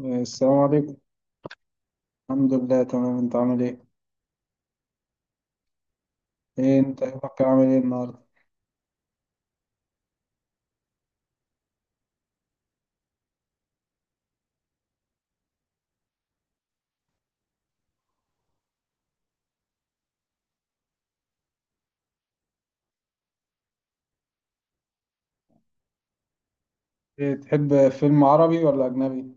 السلام عليكم. الحمد لله تمام. انت عامل ايه؟ ايه انت يومك عامل ايه النهارده؟ ايه تحب فيلم عربي ولا اجنبي؟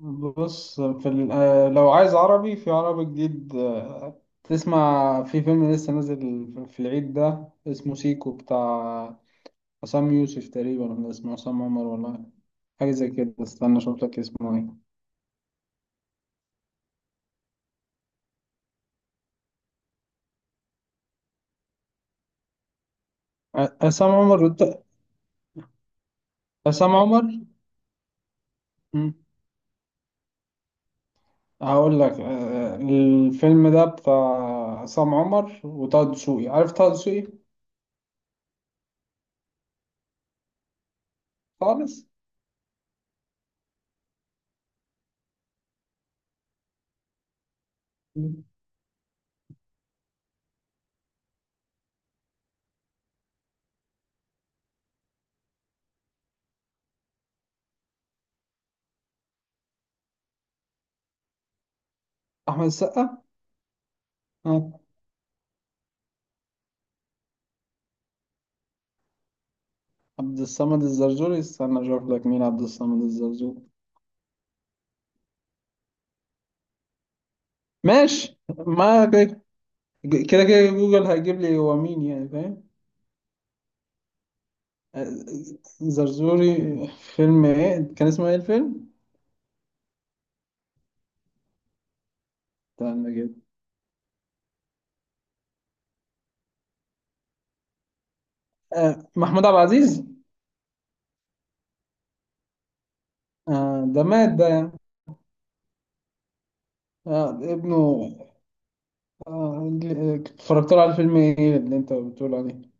بص، في ال- آه، لو عايز عربي، في عربي جديد تسمع في فيلم لسه نازل في العيد ده اسمه سيكو، بتاع عصام يوسف تقريبا، ولا اسمه عصام عمر، ولا حاجه زي كده. استنى اشوف لك اسمه ايه. عصام عمر. عصام عمر. هقول لك، الفيلم ده بتاع عصام عمر وطه دسوقي. عارف طه دسوقي؟ خالص. احمد السقا. ها. عبد الصمد الزرزوري؟ استنى اشوف لك مين عبد الصمد الزرزوري. ماشي، ما كده، كده كده جوجل هيجيب لي هو مين، يعني فاهم. آه، زرزوري. فيلم ايه؟ كان اسمه ايه الفيلم؟ استنى كده. محمود عبد العزيز. ده مات ده يعني. ابنه. اتفرجت له على فيلم ايه اللي انت بتقول عليه؟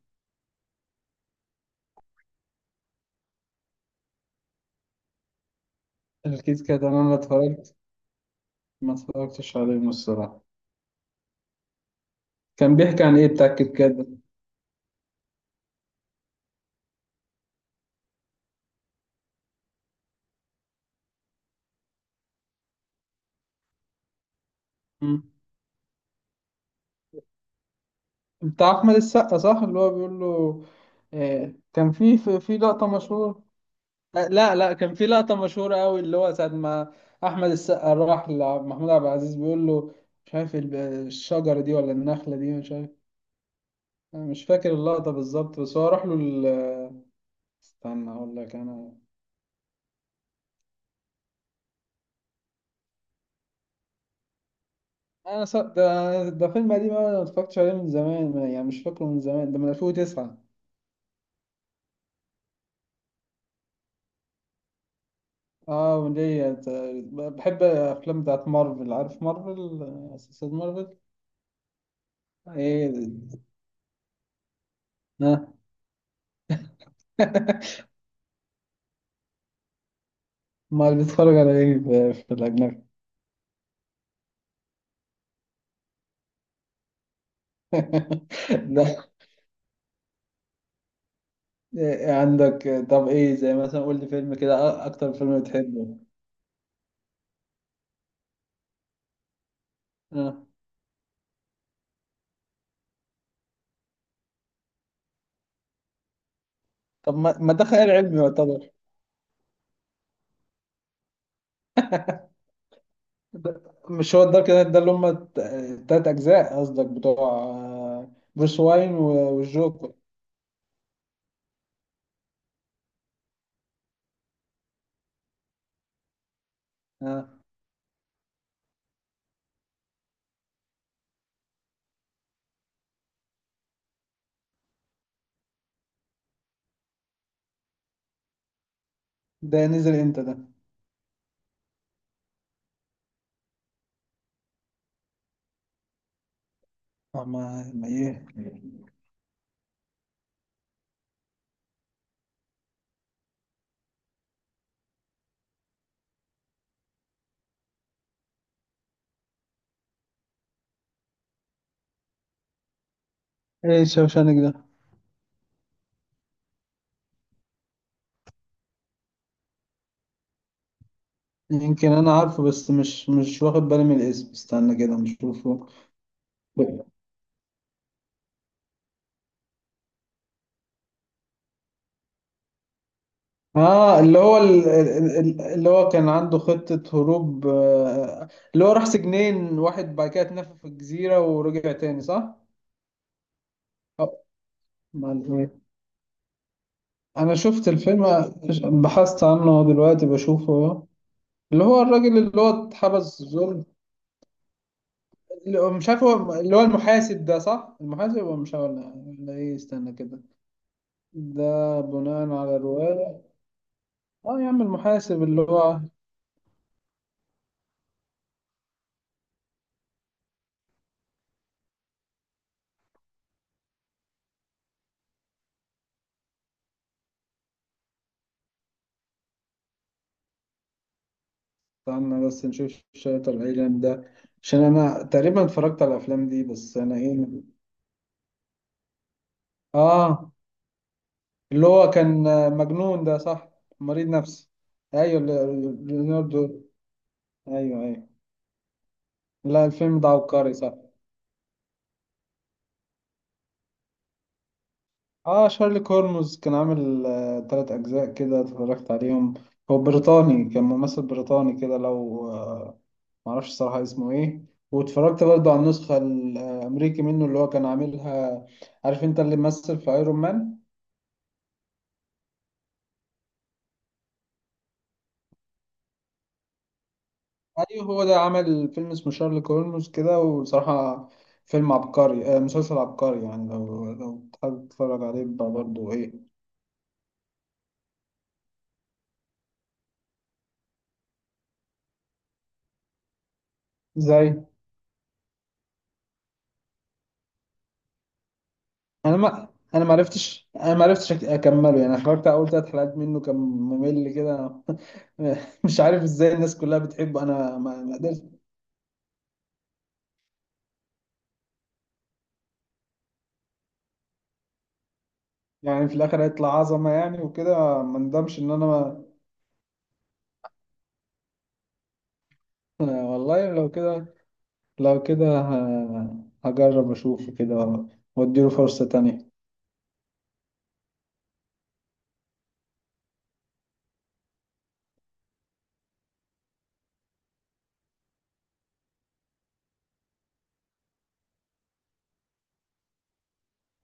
الكيت كات انا ما اتفرجت ما اتفرجتش عليه الصراحه. كان بيحكي عن ايه بتاع الكيت كات ده؟ مم. بتاع احمد السقا، صح؟ اللي هو بيقول له. آه، كان في لقطه مشهوره. آه لا لا، كان في لقطه مشهوره قوي، اللي هو ساعه ما احمد السقا راح لمحمود عبد العزيز بيقول له، مش عارف الشجره دي ولا النخله دي، مش عارف. أنا مش فاكر اللقطه بالظبط، بس هو راح له استنى اقول لك انا. ده فيلم قديم أوي، انا ما اتفرجتش عليه من زمان، يعني مش فاكره من زمان، ده من 2009. اه، وليا. بحب الافلام بتاعت مارفل. عارف مارفل؟ سلسلة مارفل. ايه ده؟ ها. امال بتتفرج على ايه في الاجنبي؟ لا. إيه عندك؟ طب ايه، زي مثلا قول لي فيلم كده. اكتر فيلم بتحبه. آه. طب ما ما ده خيال علمي يعتبر. ده- مش هو الدارك نايت ده اللي هم التلات أجزاء قصدك، بتوع بروس واين والجوكر؟ آه، ده نزل امتى ده؟ آه، ما ما ايه؟ ايه شوشانك ده؟ يمكن انا عارفه، بس مش واخد بالي من الاسم. استنى كده نشوفه. اه، اللي هو اللي هو كان عنده خطة هروب. اللي هو راح سجنين، واحد بعد كده اتنفى في الجزيرة ورجع تاني، صح؟ آه، ما انا شفت الفيلم. بحثت عنه دلوقتي، بشوفه. اللي هو الراجل اللي هو اتحبس ظلم. مش عارف هو اللي هو المحاسب ده، صح؟ المحاسب، هو مش ولا ايه، استنى كده. ده بناء على رواية. اه يا عم، المحاسب، اللي هو. استنى بس نشوف شريط العيلان ده، عشان انا تقريبا اتفرجت على الافلام دي. بس انا ايه. اه، اللي هو كان مجنون ده، صح؟ مريض نفسي. ايوه، ليوناردو. ايوه ايوه. لا، الفيلم ده عبقري، صح. اه، شارلي كورموز كان عامل تلات أجزاء كده، اتفرجت عليهم. هو بريطاني، كان ممثل بريطاني كده، لو آه معرفش الصراحة اسمه ايه. واتفرجت برضو على النسخة الأمريكي منه، اللي هو كان عاملها. عارف انت اللي مثل في ايرون مان؟ ايوه، هو ده، عمل فيلم اسمه شارلي كورموز كده، وصراحة فيلم عبقري، مسلسل عبقري. يعني لو حابب تتفرج عليه بقى برضو، ايه. زي انا ما. انا ما عرفتش اكمله، يعني اتفرجت على اول ثلاث حلقات منه، كان ممل كده. مش عارف ازاي الناس كلها بتحبه، انا ما ما قدرت. يعني في الاخر هيطلع عظمه، يعني وكده ما ندمش ان انا. والله لو كده، لو كده ه- هجرب اشوف كده واديله فرصه تانية.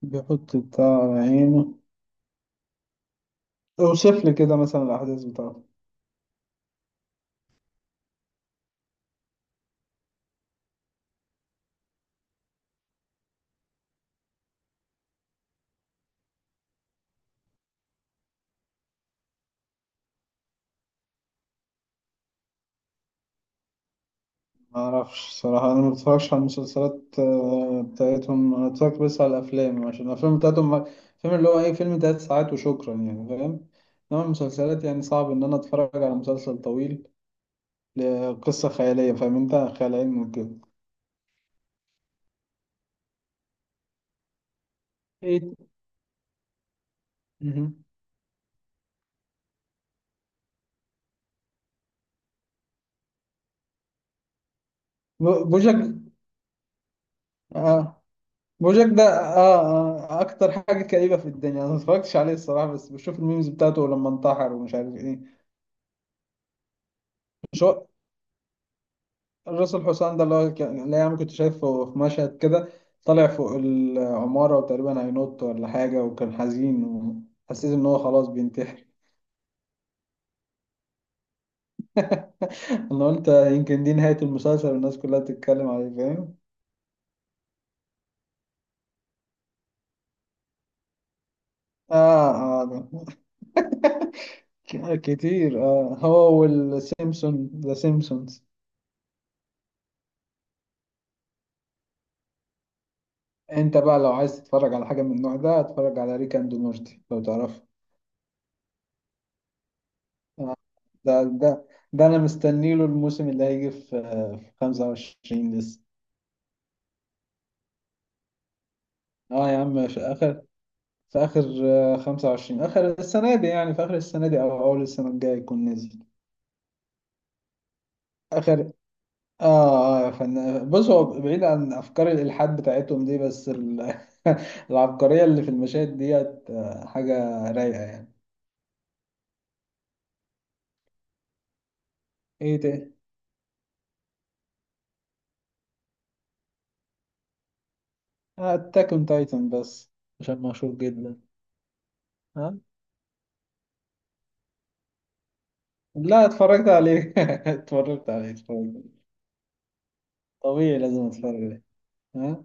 بيحط بتاع عينه. اوصف لي كده مثلا الاحداث بتاعته. ما اعرفش صراحة، انا ما بتفرجش على المسلسلات بتاعتهم. انا اتفرجت بس على الافلام، عشان الافلام بتاعتهم فيلم، اللي هو ايه، فيلم تلات ساعات وشكرا، يعني فاهم. انما المسلسلات يعني صعب ان انا اتفرج على مسلسل طويل لقصة خيالية، فاهم انت، خيال علمي وكده. ايه؟ مهم. بوجك. آه. بوجك ده. آه اكتر حاجة كئيبة في الدنيا. انا ما اتفرجتش عليه الصراحة، بس بشوف الميمز بتاعته لما انتحر ومش عارف ايه. مش هو الراس الحسام ده، اللي هو كان اللي يعني كنت شايفه في مشهد كده، طالع فوق العمارة وتقريبا هينط ولا حاجة وكان حزين، وحسيت إن هو خلاص بينتحر. أنا قلت يمكن دي نهاية المسلسل والناس كلها بتتكلم عليه، فاهم؟ آه. آه ده. كتير. هو والسيمسون، ذا سيمسونز. أنت بقى لو عايز تتفرج على حاجة من النوع ده، اتفرج على ريك أند مورتي لو تعرفه. آه، ده ده ده أنا مستنيله. الموسم اللي هيجي في 25 لسه. اه يا عم، في اخر، 25، اخر السنه دي، يعني في اخر السنه دي او اول السنه الجايه يكون نزل. اخر اه يا فنان، بص، هو بعيد عن افكار الالحاد بتاعتهم دي، بس العبقريه اللي في المشاهد ديت حاجه رايقه يعني. ايه ده؟ اتاك اون تايتن، بس عشان مشهور جدا. ها. لا، اتفرجت عليه. اتفرجت عليه اتفرجت عليه. طبيعي لازم اتفرج عليه. ها.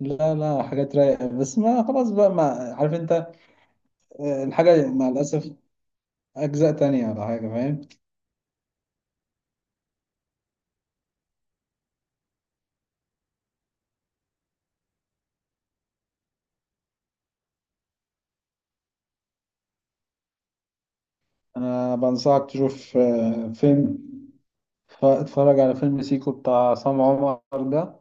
لا لا، حاجات رايقه، بس ما خلاص بقى، ما عارف انت، الحاجة مع الأسف أجزاء تانية ولا حاجة، فاهم. أنا بنصحك تشوف اتفرج على فيلم سيكو بتاع عصام عمر ده.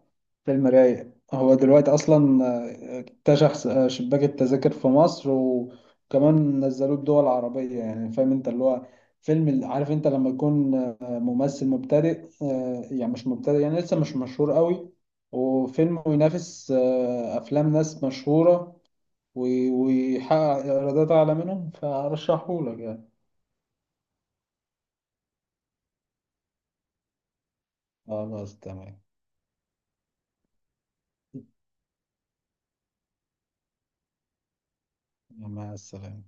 فيلم رايق هو دلوقتي أصلا. اكتشف شباك التذاكر في مصر، وكمان نزلوه الدول العربية، يعني فاهم أنت، اللي هو فيلم عارف أنت لما يكون ممثل مبتدئ، يعني مش مبتدئ، يعني لسه مش مشهور قوي، وفيلم ينافس أفلام ناس مشهورة، ويحقق إيرادات أعلى منهم، فأرشحهولك يعني. خلاص تمام. مع السلامة.